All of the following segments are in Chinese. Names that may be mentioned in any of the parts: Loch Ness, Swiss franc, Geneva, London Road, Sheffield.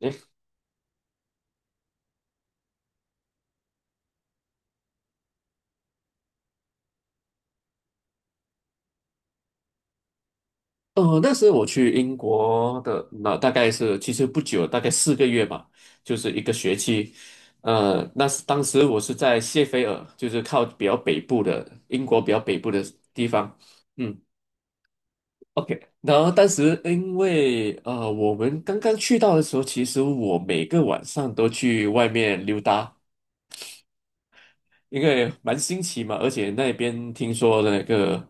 诶，那时候我去英国的，那大概是其实不久，大概4个月吧，就是一个学期。那是当时我是在谢菲尔，就是靠比较北部的英国比较北部的地方。嗯，OK。然后当时因为我们刚刚去到的时候，其实我每个晚上都去外面溜达，因为蛮新奇嘛，而且那边听说那个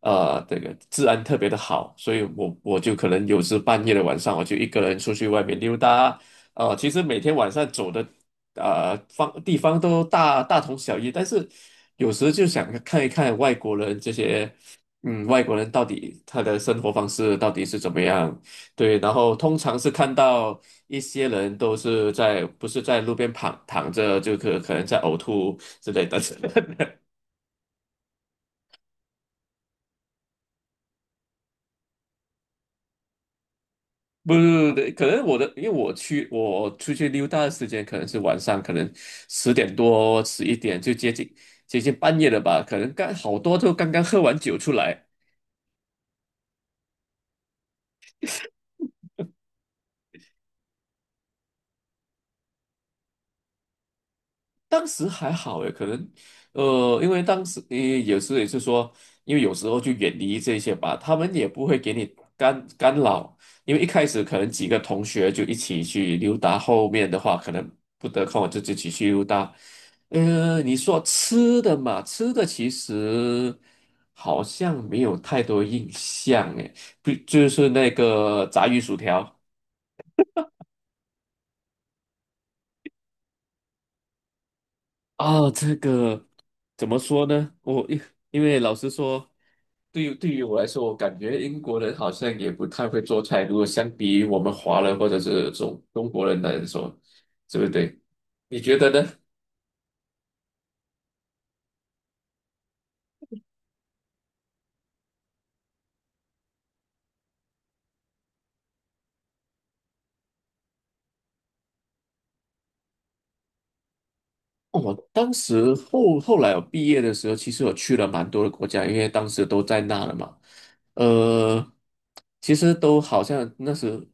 这个治安特别的好，所以我就可能有时半夜的晚上，我就一个人出去外面溜达。其实每天晚上走的地方都大同小异，但是有时就想看一看外国人这些，外国人到底他的生活方式到底是怎么样，对，然后通常是看到一些人都是不是在路边躺着，就可能在呕吐之类的。不不不，可能我的，因为我出去溜达的时间可能是晚上，可能10点多11点就接近半夜了吧，可能刚好多都刚刚喝完酒出来。当时还好诶，可能，因为当时你有时也是说，因为有时候就远离这些吧，他们也不会给你干扰，因为一开始可能几个同学就一起去溜达，后面的话可能不得空就自己去溜达。你说吃的嘛，吃的其实好像没有太多印象诶，不就是那个炸鱼薯条。哦，这个怎么说呢？因为老实说，对于我来说，我感觉英国人好像也不太会做菜。如果相比于我们华人或者是中国人来说，对不对？你觉得呢？我当时后后来我毕业的时候，其实我去了蛮多的国家，因为当时都在那了嘛。呃，其实都好像那时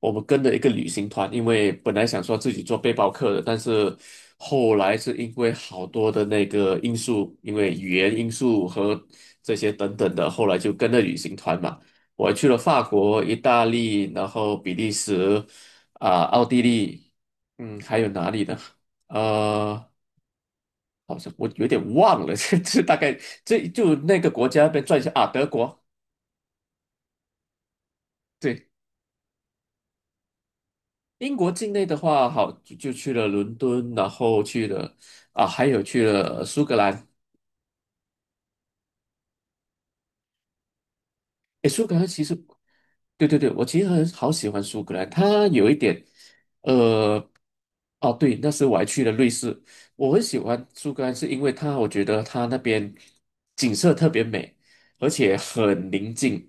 我们跟着一个旅行团，因为本来想说自己做背包客的，但是后来是因为好多的那个因素，因为语言因素和这些等等的，后来就跟着旅行团嘛。我还去了法国、意大利，然后比利时，奥地利，还有哪里呢？呃，好像我有点忘了，大概就那个国家边转一下啊，德国。对，英国境内的话，好就去了伦敦，然后去了啊，还有去了苏格兰，诶，苏格兰其实，对对对，我其实很好喜欢苏格兰，它有一点，呃，哦对，那时我还去了瑞士，我很喜欢苏格兰，是因为它，我觉得它那边景色特别美，而且很宁静，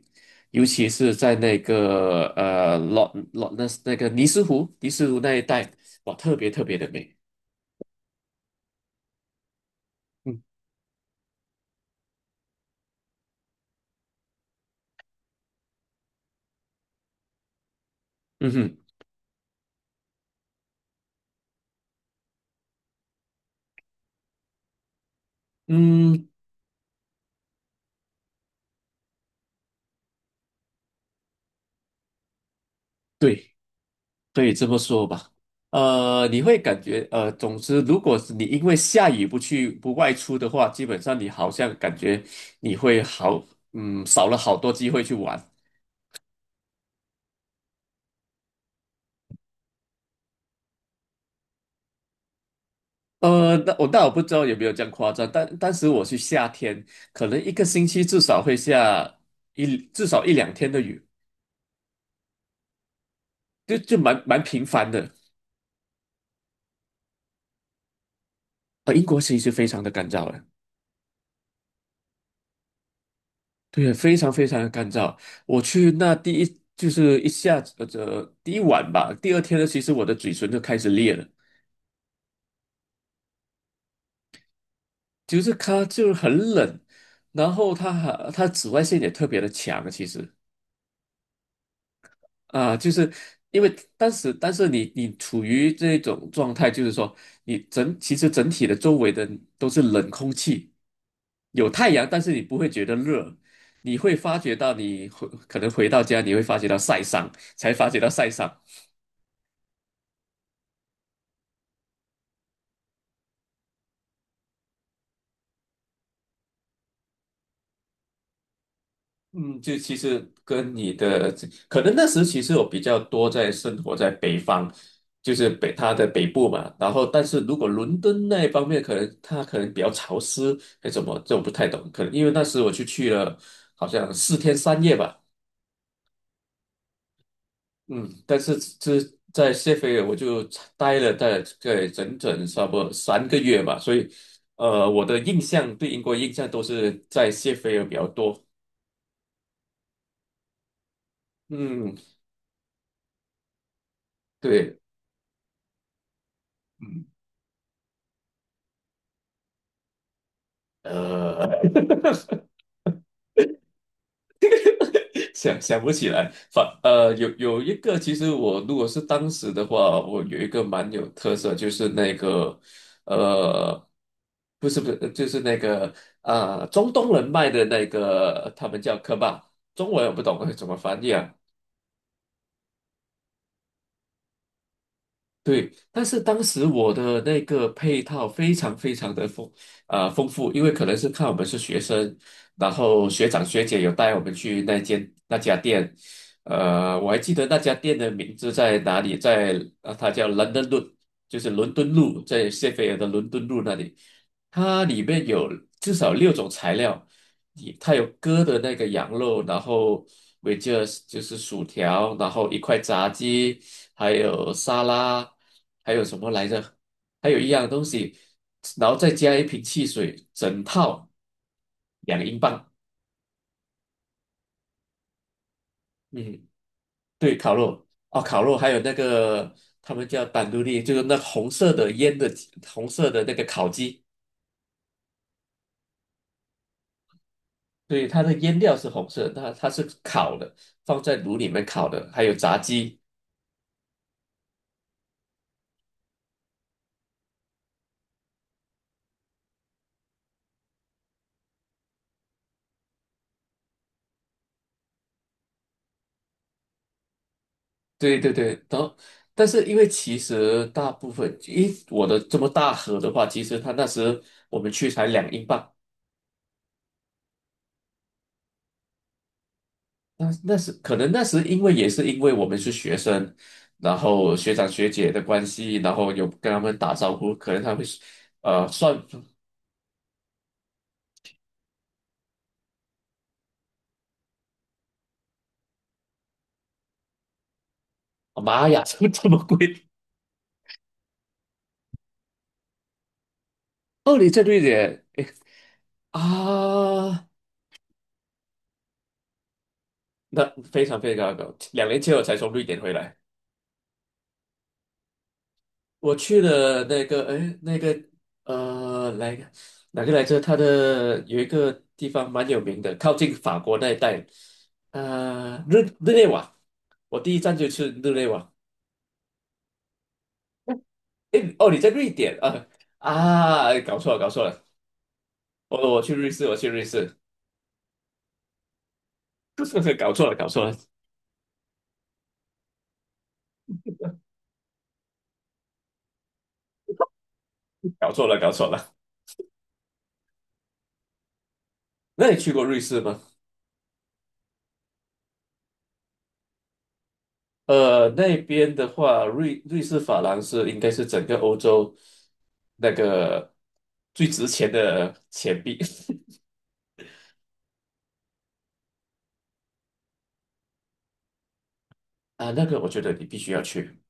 尤其是在那个呃老老那那个尼斯湖，尼斯湖那一带，哇，特别特别的美。嗯，嗯哼，嗯，对。可以这么说吧，你会感觉，总之，如果是你因为下雨不外出的话，基本上你好像感觉你会好，少了好多机会去玩。那我不知道有没有这样夸张，但当时我去夏天，可能一个星期至少会下至少一两天的雨，就蛮频繁的。英国其实非常的干燥的。对，非常非常的干燥。我去那第一就是一下子第一晚吧，第二天呢，其实我的嘴唇就开始裂了，就是它就是很冷，然后它紫外线也特别的强啊，其实啊，就是因为当时但是你处于这种状态，就是说你其实整体的周围的都是冷空气，有太阳，但是你不会觉得热。你会发觉到你可能回到家，你会发觉到晒伤，才发觉到晒伤。嗯，就其实跟你的可能那时其实我比较多在生活在北方，就是他的北部嘛。然后，但是如果伦敦那一方面，可能他可能比较潮湿，还怎么这我不太懂。可能因为那时我去了好像4天3夜吧，嗯，但是这在谢菲尔我就待了大概整整差不多3个月吧，所以我的印象对英国印象都是在谢菲尔比较多。嗯，对。嗯。呃，想不起来，有一个，其实我如果是当时的话，我有一个蛮有特色，就是那个呃，不是不是，就是那个中东人卖的那个，他们叫科巴，中文我不懂怎么翻译啊，对，但是当时我的那个配套非常非常的丰富，因为可能是看我们是学生，然后学长学姐有带我们去那家店，我还记得那家店的名字在哪里，它叫 London Road，就是伦敦路，在谢菲尔的伦敦路那里，它里面有至少六种材料，也它有割的那个羊肉，然后 就着就是薯条，然后一块炸鸡，还有沙拉，还有什么来着？还有一样东西，然后再加一瓶汽水，整套两英镑。嗯，对，烤肉哦，烤肉还有那个他们叫丹都利，就是那红色的腌的红色的那个烤鸡。对，它的腌料是红色，它是烤的，放在炉里面烤的，还有炸鸡。对对对，然后但是因为其实大部分，因为我的这么大盒的话，其实他那时我们去才两英镑，那时因为也是因为我们是学生，然后学长学姐的关系，然后有跟他们打招呼，可能他会算，妈呀，怎么这么贵？哦，你在瑞典啊？那非常非常高，2年前我才从瑞典回来。我去了那个，哎，那个，呃，来哪个来着？它的有一个地方蛮有名的，靠近法国那一带，日内瓦。我第一站就去日内瓦。哎，哦，你在瑞典啊？啊，哎搞错了，搞错了。我去瑞士，我去瑞士，搞错了，搞错了，搞错了，搞错了，搞错了。那你去过瑞士吗？那边的话，瑞士法郎是应该是整个欧洲那个最值钱的钱币 啊，那个我觉得你必须要去。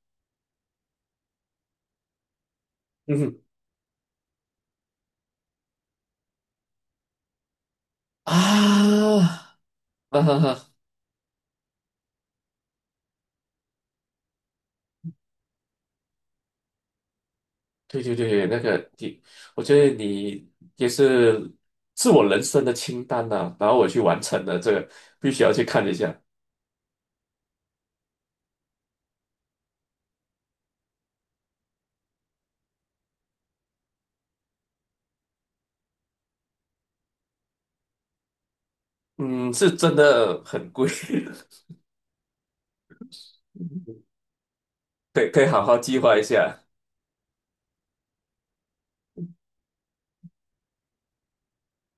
嗯哼啊啊哈哈，对对对，那个你，我觉得你也是我人生的清单呐、然后我去完成了这个，必须要去看一下。嗯，是真的很贵，可以可以好好计划一下。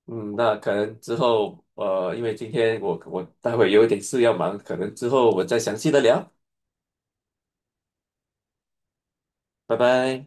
嗯，那可能之后，因为今天我待会有一点事要忙，可能之后我再详细的聊，拜拜。